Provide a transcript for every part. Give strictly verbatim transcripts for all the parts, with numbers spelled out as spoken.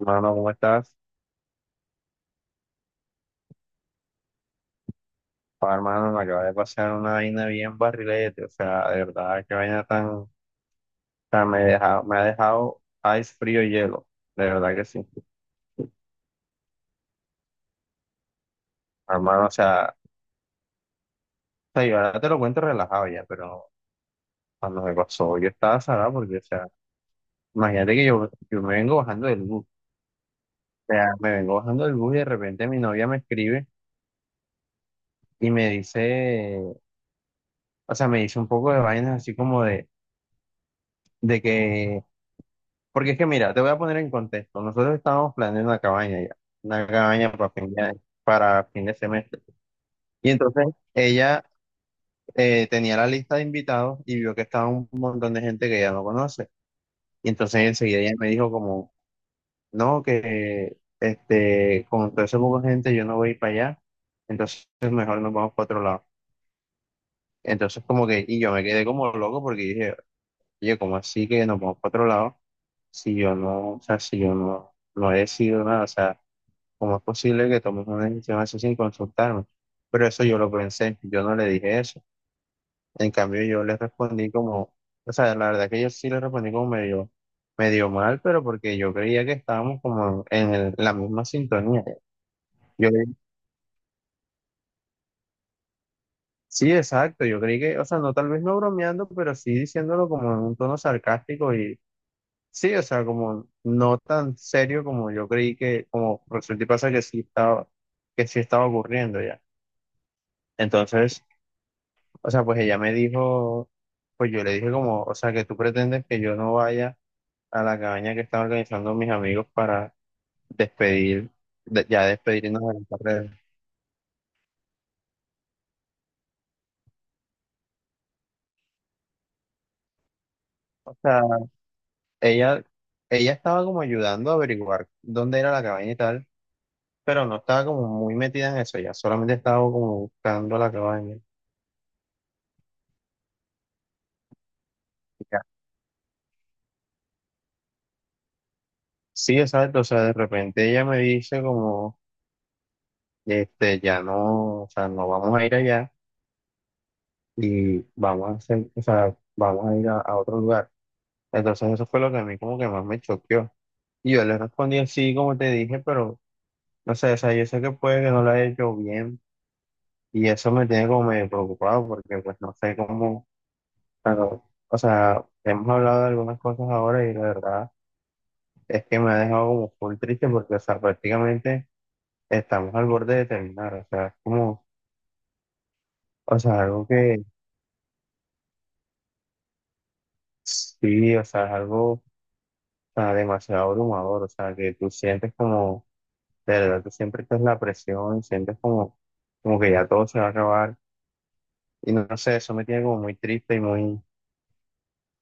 Hermano, ¿cómo estás? Pa, hermano, me acaba de pasar una vaina bien barrilete, o sea, de verdad, qué vaina tan, o sea me deja, me ha dejado ice frío y hielo, de verdad que sí. Hermano, o sea, o sea, yo ahora te lo cuento relajado ya, pero cuando me pasó, yo estaba salado porque, o sea, imagínate que yo, yo me vengo bajando del bus, o sea, me vengo bajando del bus y de repente mi novia me escribe y me dice, o sea, me dice un poco de vainas así como de, de que porque es que mira, te voy a poner en contexto. Nosotros estábamos planeando una cabaña ya, una cabaña para fin de, para fin de semestre. Y entonces ella eh, tenía la lista de invitados y vio que estaba un montón de gente que ella no conoce. Y entonces enseguida ella me dijo como, no, que este, con todo ese poco de gente yo no voy para allá, entonces mejor nos vamos para otro lado. Entonces como que, y yo me quedé como loco porque dije, oye, ¿cómo así que nos vamos para otro lado? Si yo no, o sea, si yo no, no he decidido nada, o sea, ¿cómo es posible que tomes una decisión así sin consultarme? Pero eso yo lo pensé, yo no le dije eso. En cambio, yo le respondí como, o sea, la verdad que yo sí le respondí como medio, medio mal, pero porque yo creía que estábamos como en el- la misma sintonía. Yo, le- sí, exacto, yo creí que, o sea, no tal vez no bromeando, pero sí diciéndolo como en un tono sarcástico y sí, o sea, como no tan serio como yo creí que, como resulta y pasa que sí estaba, que sí estaba ocurriendo ya. Entonces... o sea, pues ella me dijo, pues yo le dije como, o sea, que tú pretendes que yo no vaya a la cabaña que están organizando mis amigos para despedir, de- ya despedirnos de la carrera. O sea, ella, ella estaba como ayudando a averiguar dónde era la cabaña y tal, pero no estaba como muy metida en eso, ella solamente estaba como buscando la cabaña. Ya. Sí, exacto, o sea, de repente ella me dice como, este, ya no, o sea, no vamos a ir allá y vamos a hacer, o sea, vamos a ir a a otro lugar. Entonces eso fue lo que a mí como que más me choqueó. Y yo le respondí así como te dije, pero no sé, o sea, yo sé que puede que no lo haya hecho bien y eso me tiene como medio preocupado porque pues no sé cómo, pero, o sea, hemos hablado de algunas cosas ahora y la verdad es que me ha dejado como full triste porque, o sea, prácticamente estamos al borde de terminar, o sea, es como, o sea, algo que sí, o sea, es algo, o sea, demasiado abrumador, o sea, que tú sientes como de verdad, tú siempre estás la presión, sientes como, como que ya todo se va a acabar. Y no, no sé, eso me tiene como muy triste y muy...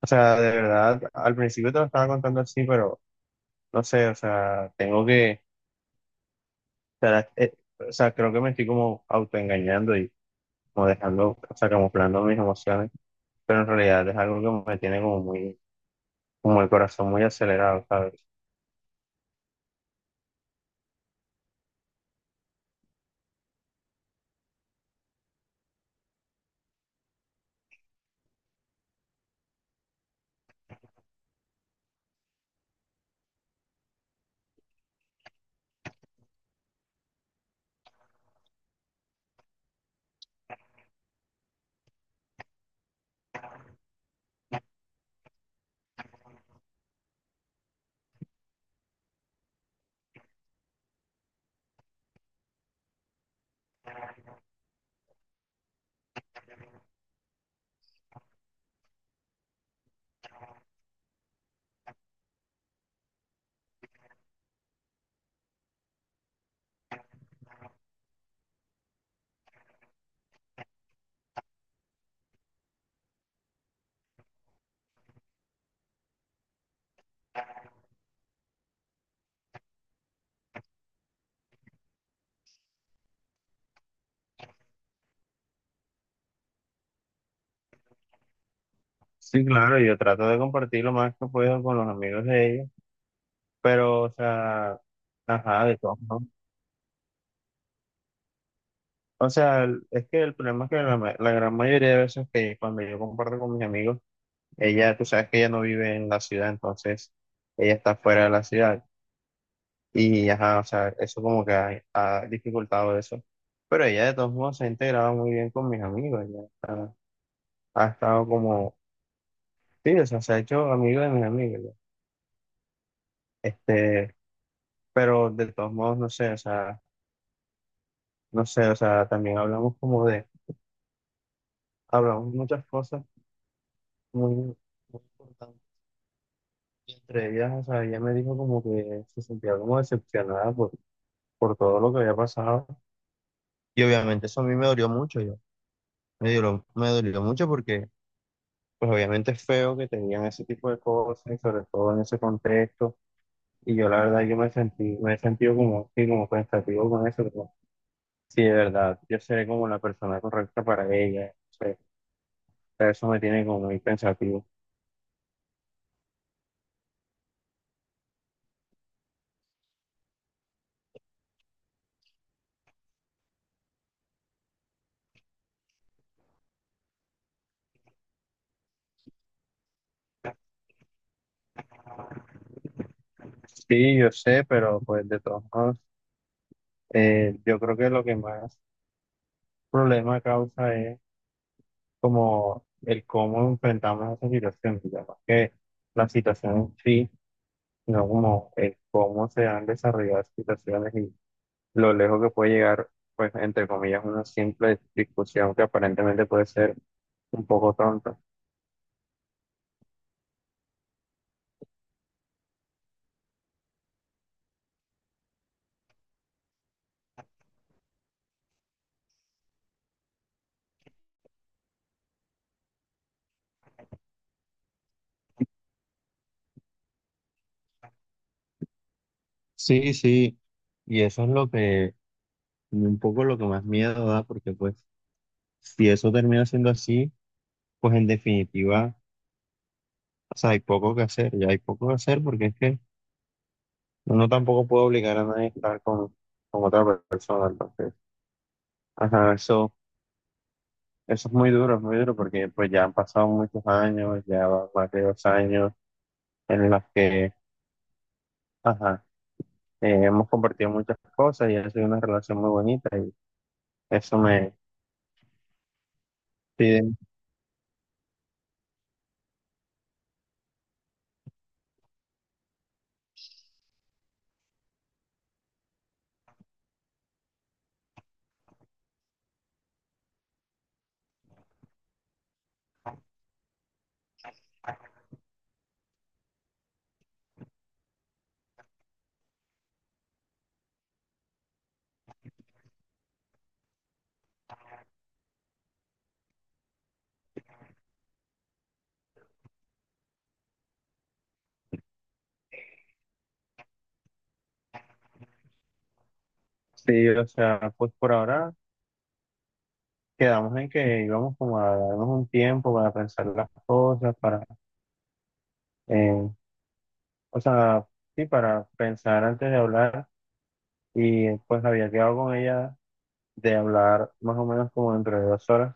O sea, de verdad, al principio te lo estaba contando así, pero no sé, o sea, tengo que... O sea, eh, o sea, creo que me estoy como autoengañando y como dejando, o sea, camuflando mis emociones, pero en realidad es algo que me tiene como muy, como el corazón muy acelerado, ¿sabes? Sí, claro, yo trato de compartir lo más que puedo con los amigos de ella, pero, o sea, ajá, de todos modos. O sea, el- es que el problema es que la, ma- la gran mayoría de veces que cuando yo comparto con mis amigos, ella, tú sabes que ella no vive en la ciudad, entonces ella está fuera de la ciudad. Y ajá, o sea, eso como que ha, ha dificultado eso. Pero ella de todos modos se ha integrado muy bien con mis amigos, ya está- ha estado como, sí, o sea, se ha hecho amigo de mis amigos, ya. Este, pero de todos modos, no sé, o sea, no sé, o sea, también hablamos como de, hablamos muchas cosas muy... muy importantes. Entre ellas, o sea, ella me dijo como que se sentía como decepcionada por, por todo lo que había pasado. Y obviamente eso a mí me dolió mucho, yo. Me dolió, me dolió mucho porque, pues obviamente es feo que te digan ese tipo de cosas, y sobre todo en ese contexto. Y yo la verdad, yo me sentí, me he sentido como, sí, como pensativo con eso. Como, sí, de verdad, yo seré como la persona correcta para ella. O sea, pero eso me tiene como muy pensativo. Sí, yo sé, pero pues de todos modos, eh, yo creo que lo que más problema causa es como el cómo enfrentamos esa situación, digamos que la situación en sí, no como el cómo se han desarrollado las situaciones y lo lejos que puede llegar, pues, entre comillas, una simple discusión que aparentemente puede ser un poco tonta. Sí, sí, y eso es lo que, un poco lo que más miedo da, porque pues si eso termina siendo así, pues en definitiva, o sea, hay poco que hacer, ya hay poco que hacer, porque es que uno tampoco puede obligar a nadie a estar con, con otra persona, entonces, ajá, eso, eso es muy duro, es muy duro porque pues ya han pasado muchos años, ya van más de dos años en las que, ajá, eh, hemos compartido muchas cosas y ha sido una relación muy bonita y eso me, sí, sí, o sea, pues por ahora quedamos en que íbamos como a darnos un tiempo para pensar las cosas, para, eh, o sea, sí, para pensar antes de hablar y pues había quedado con ella de hablar más o menos como dentro de dos horas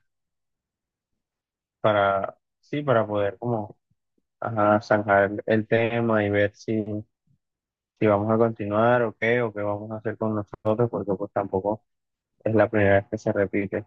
para, sí, para poder como, ajá, zanjar el, el tema y ver si, si vamos a continuar o qué, o qué vamos a hacer con nosotros, porque pues tampoco es la primera vez que se repite.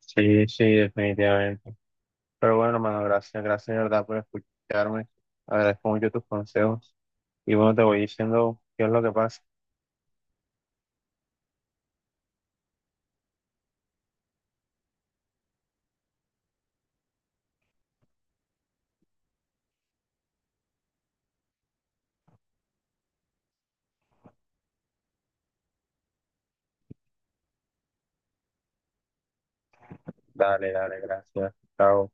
Sí, sí, definitivamente. Pero bueno, hermano, gracias, gracias de verdad por escucharme. Agradezco mucho tus consejos. Y bueno, te voy diciendo qué es lo que pasa. Dale, dale, gracias. Chao.